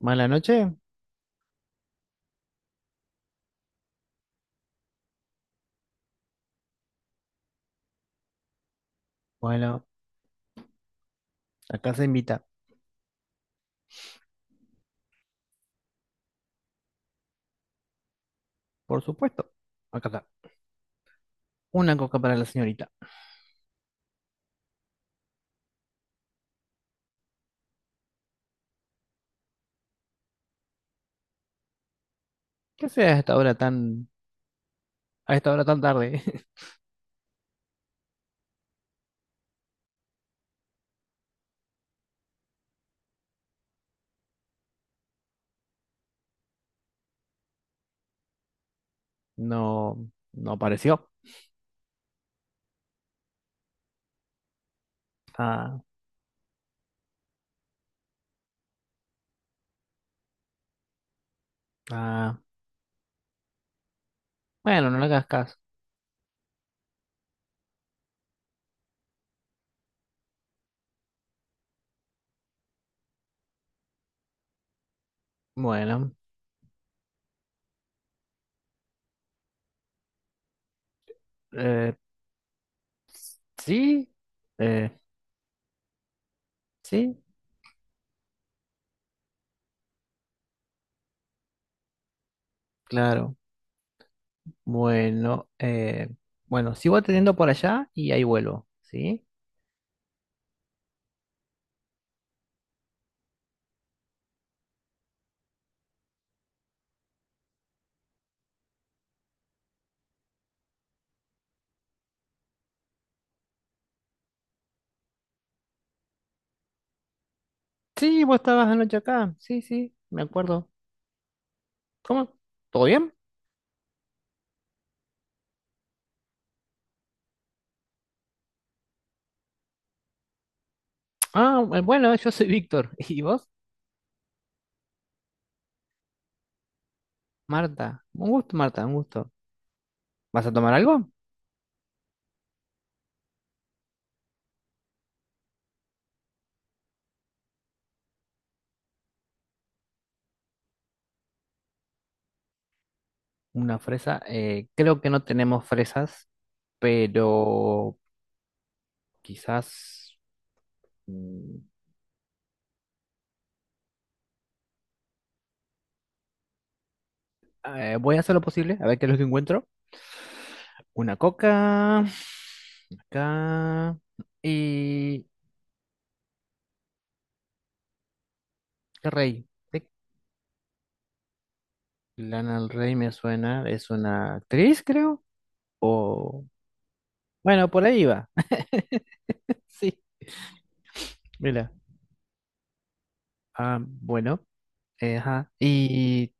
¿Mala noche? Bueno, acá se invita. Por supuesto. Acá está. Una coca para la señorita. ¿Qué sea a esta hora tan tarde? No, no apareció. Ah, ah. Bueno, no le hagas caso. Bueno, eh, sí, eh, sí, claro. Bueno, bueno, sigo atendiendo por allá y ahí vuelvo, ¿sí? Sí, vos estabas anoche acá. Sí, sí, me acuerdo. ¿Cómo? ¿Todo bien? Ah, bueno, yo soy Víctor. ¿Y vos? Marta, un gusto, Marta, un gusto. ¿Vas a tomar algo? Una fresa. Creo que no tenemos fresas, pero quizás mm, voy a hacer lo posible, a ver qué es lo que encuentro. Una coca, acá, y el rey. Sí, Lana del Rey me suena, es una actriz, creo, o... Bueno, por ahí va. Sí, mira. Ah, bueno, ajá. Y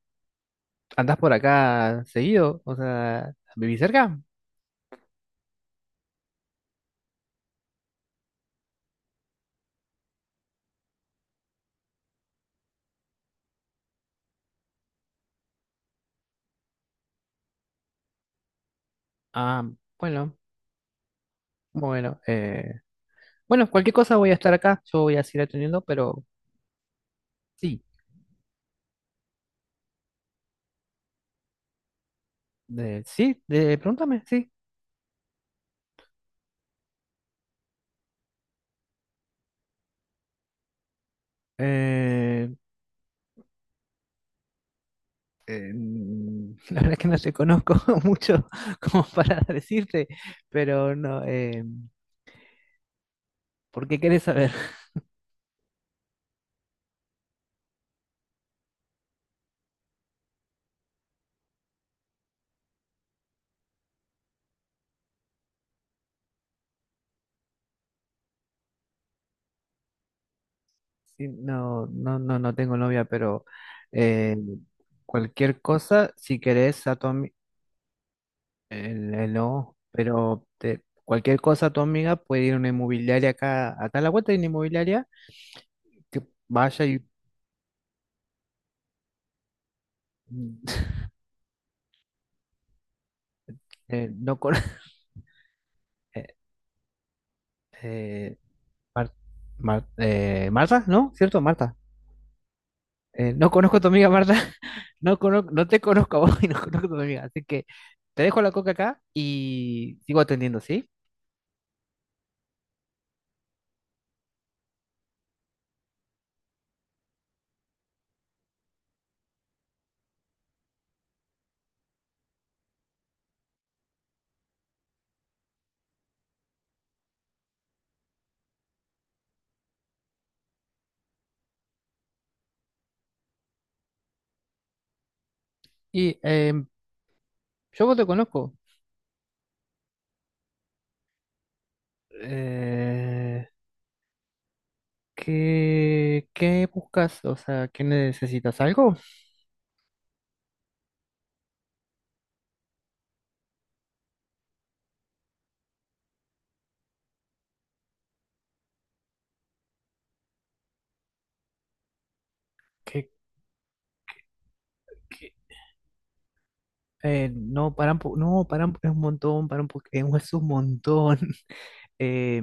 ¿andás por acá seguido? O sea, ¿vivís cerca? Ah, bueno, bueno. Bueno, cualquier cosa voy a estar acá, yo voy a seguir atendiendo, pero sí, sí, pregúntame, sí. Eh, la verdad es que no te conozco mucho como para decirte, pero no, ¿por qué querés saber? Sí, no, no, no, no tengo novia, pero eh, cualquier cosa, si querés, a tu, ami- El no, pero cualquier cosa tu amiga puede ir a una inmobiliaria acá a la vuelta hay una inmobiliaria que vaya y no con eh, eh, Mar- Marta, ¿no? ¿Cierto? Marta. No conozco a tu amiga Marta, no conozco, no te conozco a vos y no conozco a tu amiga, así que te dejo la coca acá y sigo atendiendo, ¿sí? Y yo vos te conozco. Eh, qué buscas? O sea, ¿qué necesitas? ¿Algo? ¿Qué, no, para un po- no, para un, es un montón, para un po- es un montón. Eh,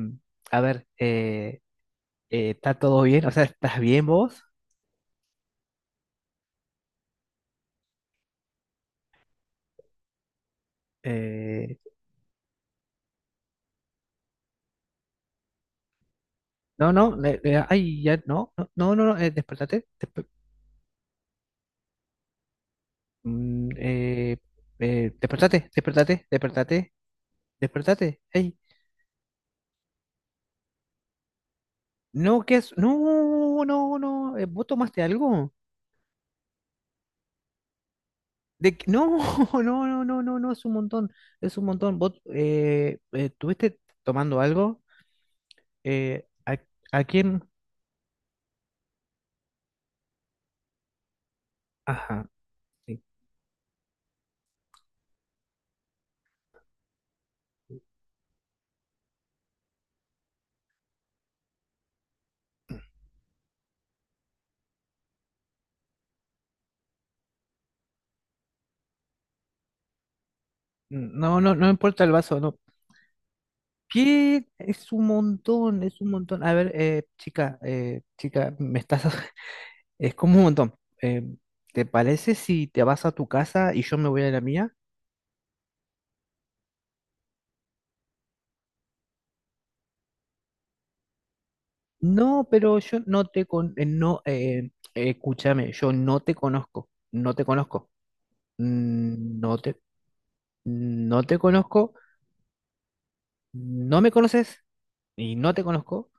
a ver, ¿está todo bien? O sea, ¿estás bien vos? Eh, no, no, ay, ya, no, no, no, no, no, despertate, mm, eh, despertate, despertate, despertate, despertate, ey. No, ¿qué es? No, no, no, ¿vos tomaste algo? No, no, no, no, no, no, es un montón, es un montón. ¿Vos tuviste tomando algo? eh, a, a quién? Ajá. Sí. No, no, no me importa el vaso, no. ¿Qué? Es un montón, es un montón. A ver, chica, chica, me estás. Es como un montón. Eh, ¿te parece si te vas a tu casa y yo me voy a la mía? No, pero yo no te con, no, escúchame, yo no te conozco, no te conozco, Mm, no te, no te conozco, no me conoces y no te conozco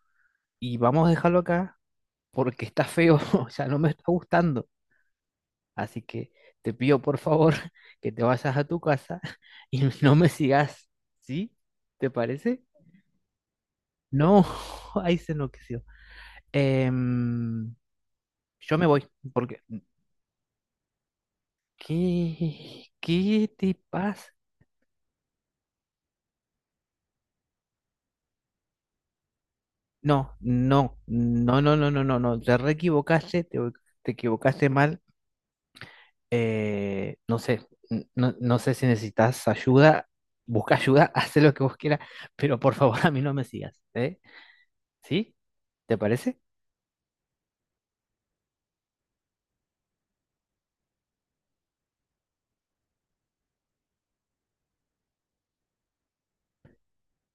y vamos a dejarlo acá porque está feo, o sea, no me está gustando. Así que te pido por favor que te vayas a tu casa y no me sigas, ¿sí? ¿Te parece? No, ahí se enloqueció. Em, yo me voy, porque... ¿Qué? ¿Qué te pasa? No, no, no, no, no, no, no, no, te re equivocaste, te equivocaste mal, no sé, no, no sé si necesitas ayuda, busca ayuda, haz lo que vos quieras, pero por favor a mí no me sigas, ¿eh? ¿Sí? ¿Te parece?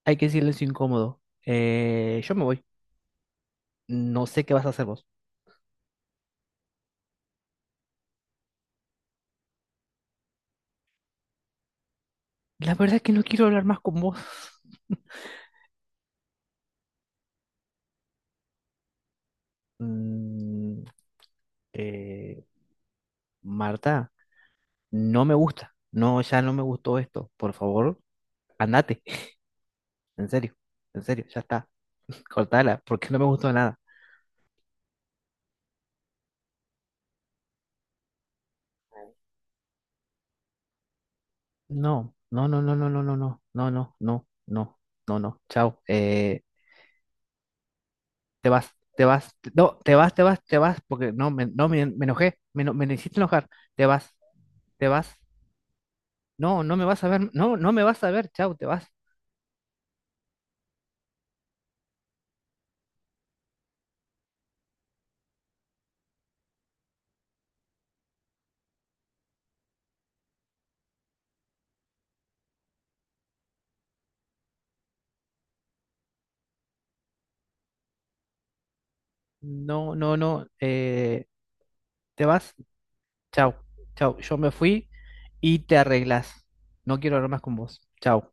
Hay que silencio incómodo. Yo me voy, no sé qué vas a hacer vos. La verdad es que no quiero hablar más con vos. Mm, eh, Marta, no me gusta, no, ya no me gustó esto, por favor, andate, en serio, en serio, ya está, cortala, porque no me gustó nada. No, no, no, no, no, no, no, no, no, no, no, no, no, no, chao. Te vas, te vas, no, te vas, te vas, te vas, porque no, me, no, me enojé, me hiciste enojar, te vas, te vas, no, no me vas a ver, no, no me vas a ver, chao, te vas, no, no, no, te vas, chao, chao, yo me fui y te arreglas, no quiero hablar más con vos, chao.